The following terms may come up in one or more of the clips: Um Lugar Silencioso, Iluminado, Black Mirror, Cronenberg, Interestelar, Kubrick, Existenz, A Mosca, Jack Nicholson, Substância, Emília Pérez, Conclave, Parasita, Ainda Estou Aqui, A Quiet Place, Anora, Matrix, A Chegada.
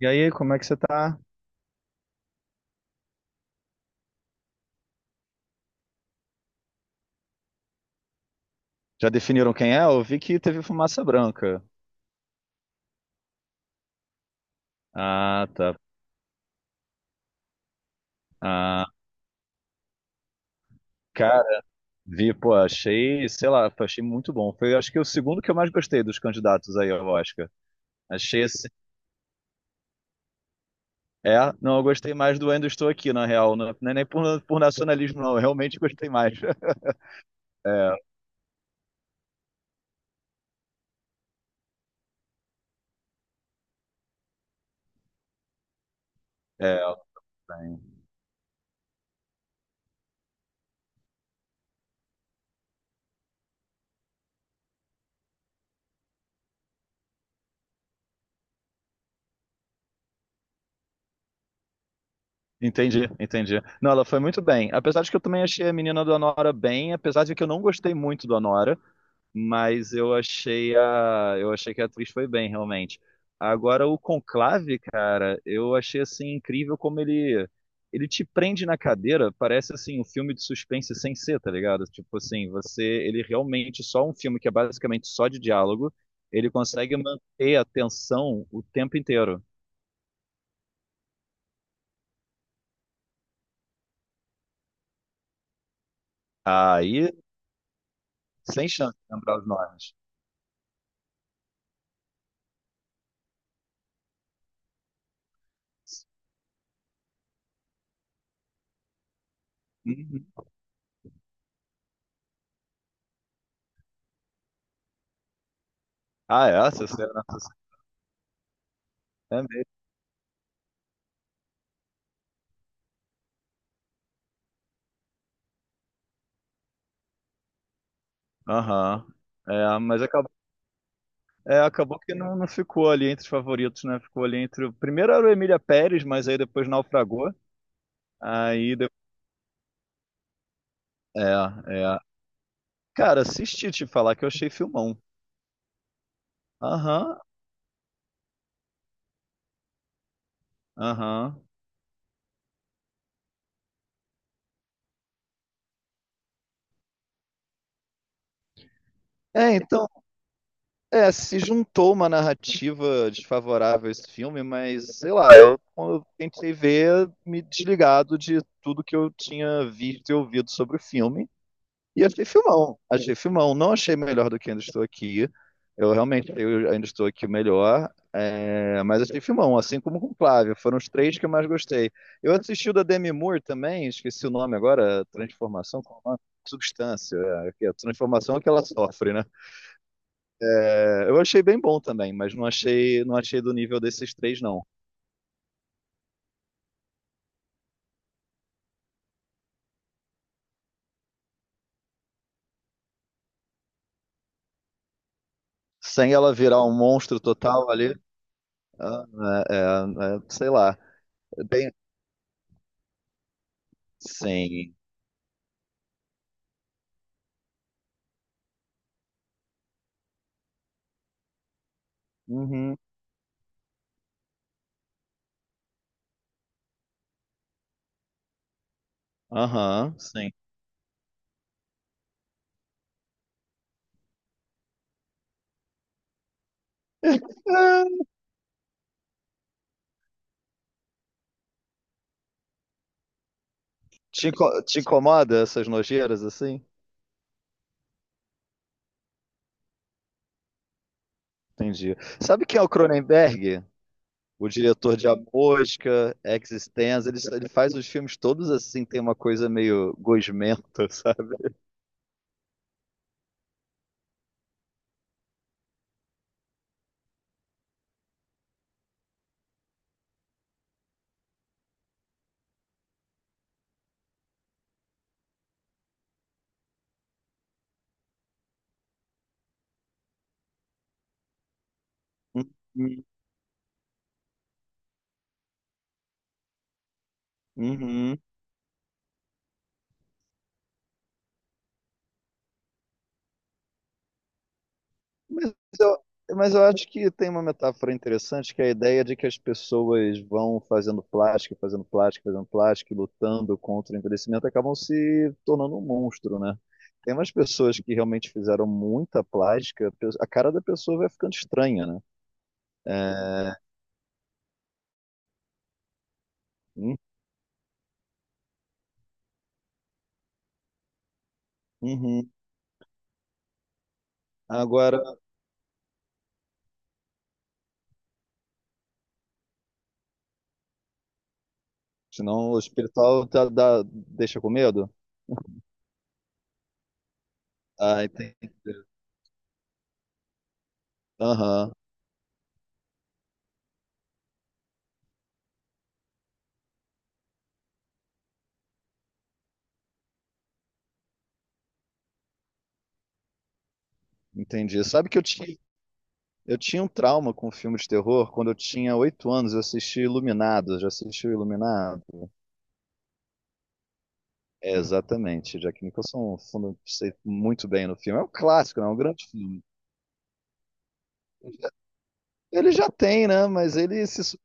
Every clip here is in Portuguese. E aí, como é que você tá? Já definiram quem é? Eu vi que teve fumaça branca. Ah, tá. Ah, cara, vi, pô, achei, sei lá, achei muito bom. Foi, acho que o segundo que eu mais gostei dos candidatos aí ao Oscar. Achei esse. É, não, eu gostei mais do Ainda Estou Aqui, na real. Não, não é nem por nacionalismo, não. Eu realmente gostei mais. É, é, tem. Entendi, entendi. Não, ela foi muito bem. Apesar de que eu também achei a menina do Anora bem, apesar de que eu não gostei muito do Anora. Mas eu achei que a atriz foi bem realmente. Agora o Conclave, cara, eu achei assim incrível como ele te prende na cadeira, parece assim um filme de suspense sem ser, tá ligado? Tipo assim, você ele realmente só um filme que é basicamente só de diálogo, ele consegue manter a tensão o tempo inteiro. Aí, sem chance de lembrar os nomes. Uhum. Ah, é, essa cena é mesmo. Aham. É, mas acabou Acabou que não, não ficou ali entre os favoritos, né? Ficou ali entre. Primeiro era o Emília Pérez, mas aí depois naufragou. Aí. É, é. Cara, assisti te falar que eu achei filmão. Aham, aham. É, então. É, se juntou uma narrativa desfavorável a esse filme, mas sei lá, eu tentei ver me desligado de tudo que eu tinha visto e ouvido sobre o filme. E achei filmão, achei filmão. Não achei melhor do que ainda estou aqui. Eu ainda estou aqui o melhor, é, mas achei filmão, assim como com Flávia. Foram os três que eu mais gostei. Eu assisti o da Demi Moore também, esqueci o nome agora, Transformação, qual é o nome? Substância, é, que é a transformação é que ela sofre, né? É, eu achei bem bom também, mas não achei do nível desses três, não. Sem ela virar um monstro total ali, ah, é, é, é, sei lá. Bem, sim. Uhum, aham, sim. Ah, te incomoda essas nojeiras assim? Entendi. Sabe quem é o Cronenberg? O diretor de A Mosca, Existenz, ele faz os filmes todos assim, tem uma coisa meio gosmenta, sabe? Uhum. Uhum. Mas eu, mas eu acho que tem uma metáfora interessante, que é a ideia de que as pessoas vão fazendo plástico, fazendo plástico, fazendo plástico, e lutando contra o envelhecimento, acabam se tornando um monstro, né? Tem umas pessoas que realmente fizeram muita plástica, a cara da pessoa vai ficando estranha, né? É, hum, uhum. Agora, senão o espiritual deixa com medo? Ah, entendi. Aham, entendi. Sabe que eu tinha Eu tinha um trauma com filme de terror quando eu tinha 8 anos. Eu assisti Iluminado. Já assistiu Iluminado? É, exatamente. Jack Nicholson fundo, sei muito bem no filme. É um clássico, né? É um grande filme. Ele já tem, né? Mas ele se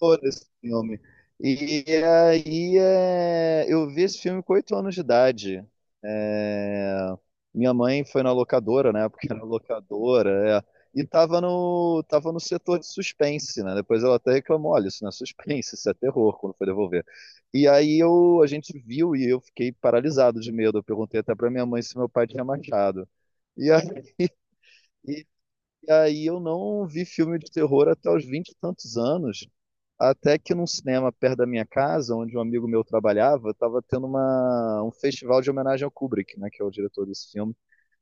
Adoro esse filme. E aí é, eu vi esse filme com 8 anos de idade. É, minha mãe foi na locadora, na época era locadora, é, e tava no setor de suspense, né? Depois ela até reclamou, olha, isso não é suspense, isso é terror, quando foi devolver. E aí a gente viu e eu fiquei paralisado de medo. Eu perguntei até pra minha mãe se meu pai tinha machado. E aí, e aí eu não vi filme de terror até os vinte e tantos anos. Até que num cinema perto da minha casa, onde um amigo meu trabalhava, estava tendo um festival de homenagem ao Kubrick, né, que é o diretor desse filme.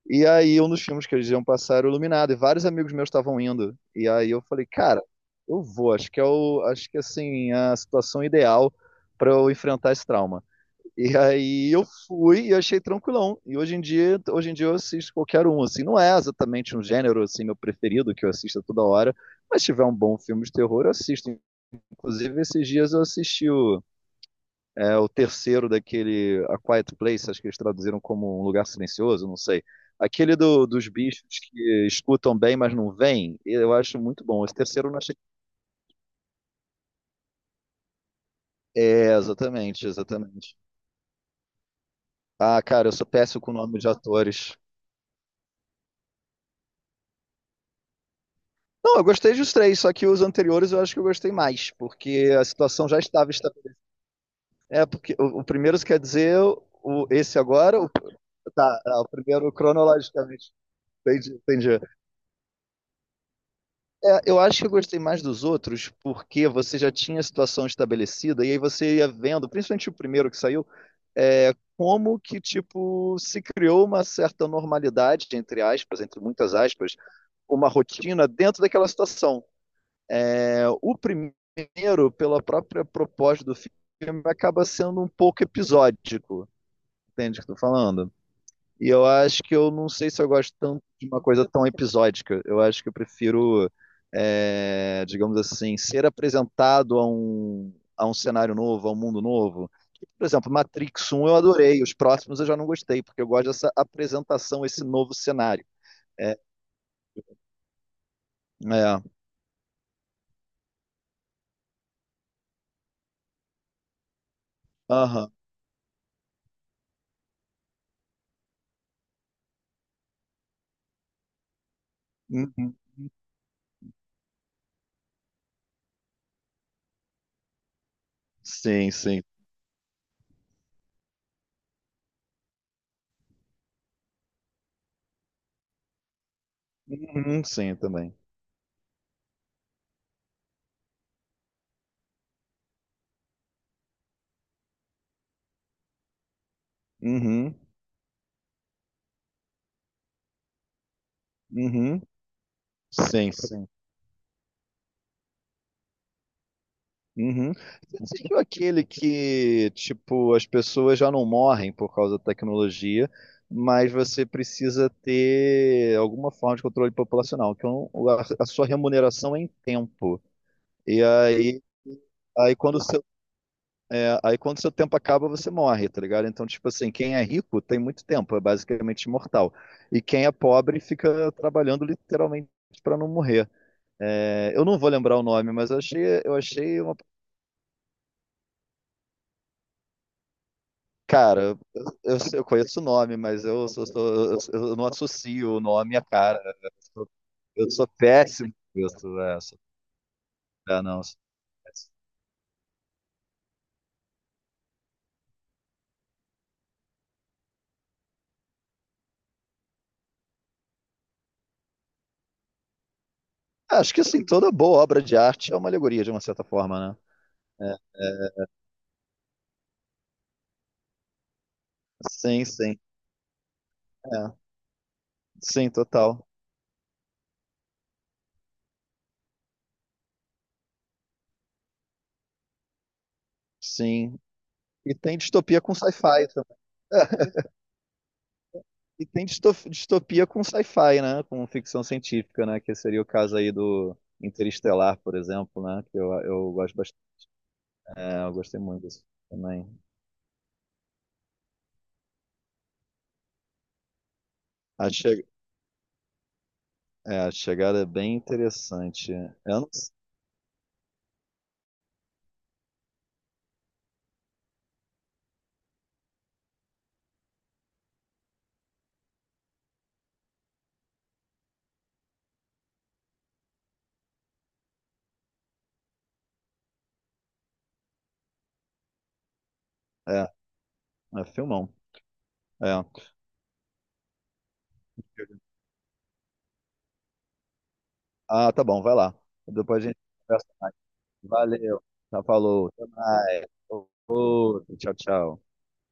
E aí um dos filmes que eles iam passar era o Iluminado, e vários amigos meus estavam indo. E aí eu falei, cara, eu vou, acho que assim, é a situação ideal para eu enfrentar esse trauma. E aí eu fui e achei tranquilão. E hoje em dia eu assisto qualquer um, assim, não é exatamente um gênero assim meu preferido que eu assisto toda hora, mas se tiver um bom filme de terror, eu assisto. Inclusive, esses dias eu assisti o terceiro daquele A Quiet Place, acho que eles traduziram como Um Lugar Silencioso, não sei. Aquele dos bichos que escutam bem, mas não veem, eu acho muito bom. Esse terceiro eu não achei. É, exatamente, exatamente. Ah, cara, eu sou péssimo com o nome de atores. Não, eu gostei dos três, só que os anteriores eu acho que eu gostei mais, porque a situação já estava estabelecida. É, porque o primeiro, quer dizer, o, esse agora, o, tá, ah, o primeiro cronologicamente. Entendi, entendi. É, eu acho que eu gostei mais dos outros, porque você já tinha a situação estabelecida, e aí você ia vendo, principalmente o primeiro que saiu, é, como que, tipo, se criou uma certa normalidade, entre aspas, entre muitas aspas, uma rotina dentro daquela situação. É, o primeiro, pela própria proposta do filme, acaba sendo um pouco episódico, entende o que eu tô falando? E eu acho que eu não sei se eu gosto tanto de uma coisa tão episódica. Eu acho que eu prefiro, é, digamos assim, ser apresentado a um, cenário novo, a um mundo novo. Por exemplo, Matrix 1 eu adorei, os próximos eu já não gostei, porque eu gosto dessa apresentação, esse novo cenário. É, é. Aham. Uhum. Sim, sim. Uhum, sim, também. Uhum, uhum. Sim, sim. Uhum. Você seguiu aquele que, tipo, as pessoas já não morrem por causa da tecnologia, mas você precisa ter alguma forma de controle populacional, que é a sua remuneração é em tempo. E aí, aí quando o seu, Aí quando o seu tempo acaba, você morre, tá ligado? Então, tipo assim, quem é rico tem muito tempo, é basicamente imortal. E quem é pobre fica trabalhando literalmente para não morrer. É, eu não vou lembrar o nome, mas eu achei uma. Cara, eu conheço o nome, mas eu, sou- sou- eu não associo o nome à cara. Sou, eu sou péssimo com isso. É, não, sou péssimo. Ah, acho que assim, toda boa obra de arte é uma alegoria, de uma certa forma, né? É, é, sim, sim. É, sim, total. Sim. E tem distopia com sci-fi também. E tem distopia com sci-fi, né? Com ficção científica, né? Que seria o caso aí do Interestelar, por exemplo, né? Que eu gosto bastante. É, eu gostei muito disso também. É, a chegada é bem interessante. É, eu não. É, é filmão. É. Ah, tá bom, vai lá. Depois a gente conversa. Valeu. Tá, falou. Até mais. Outro. Tchau, tchau.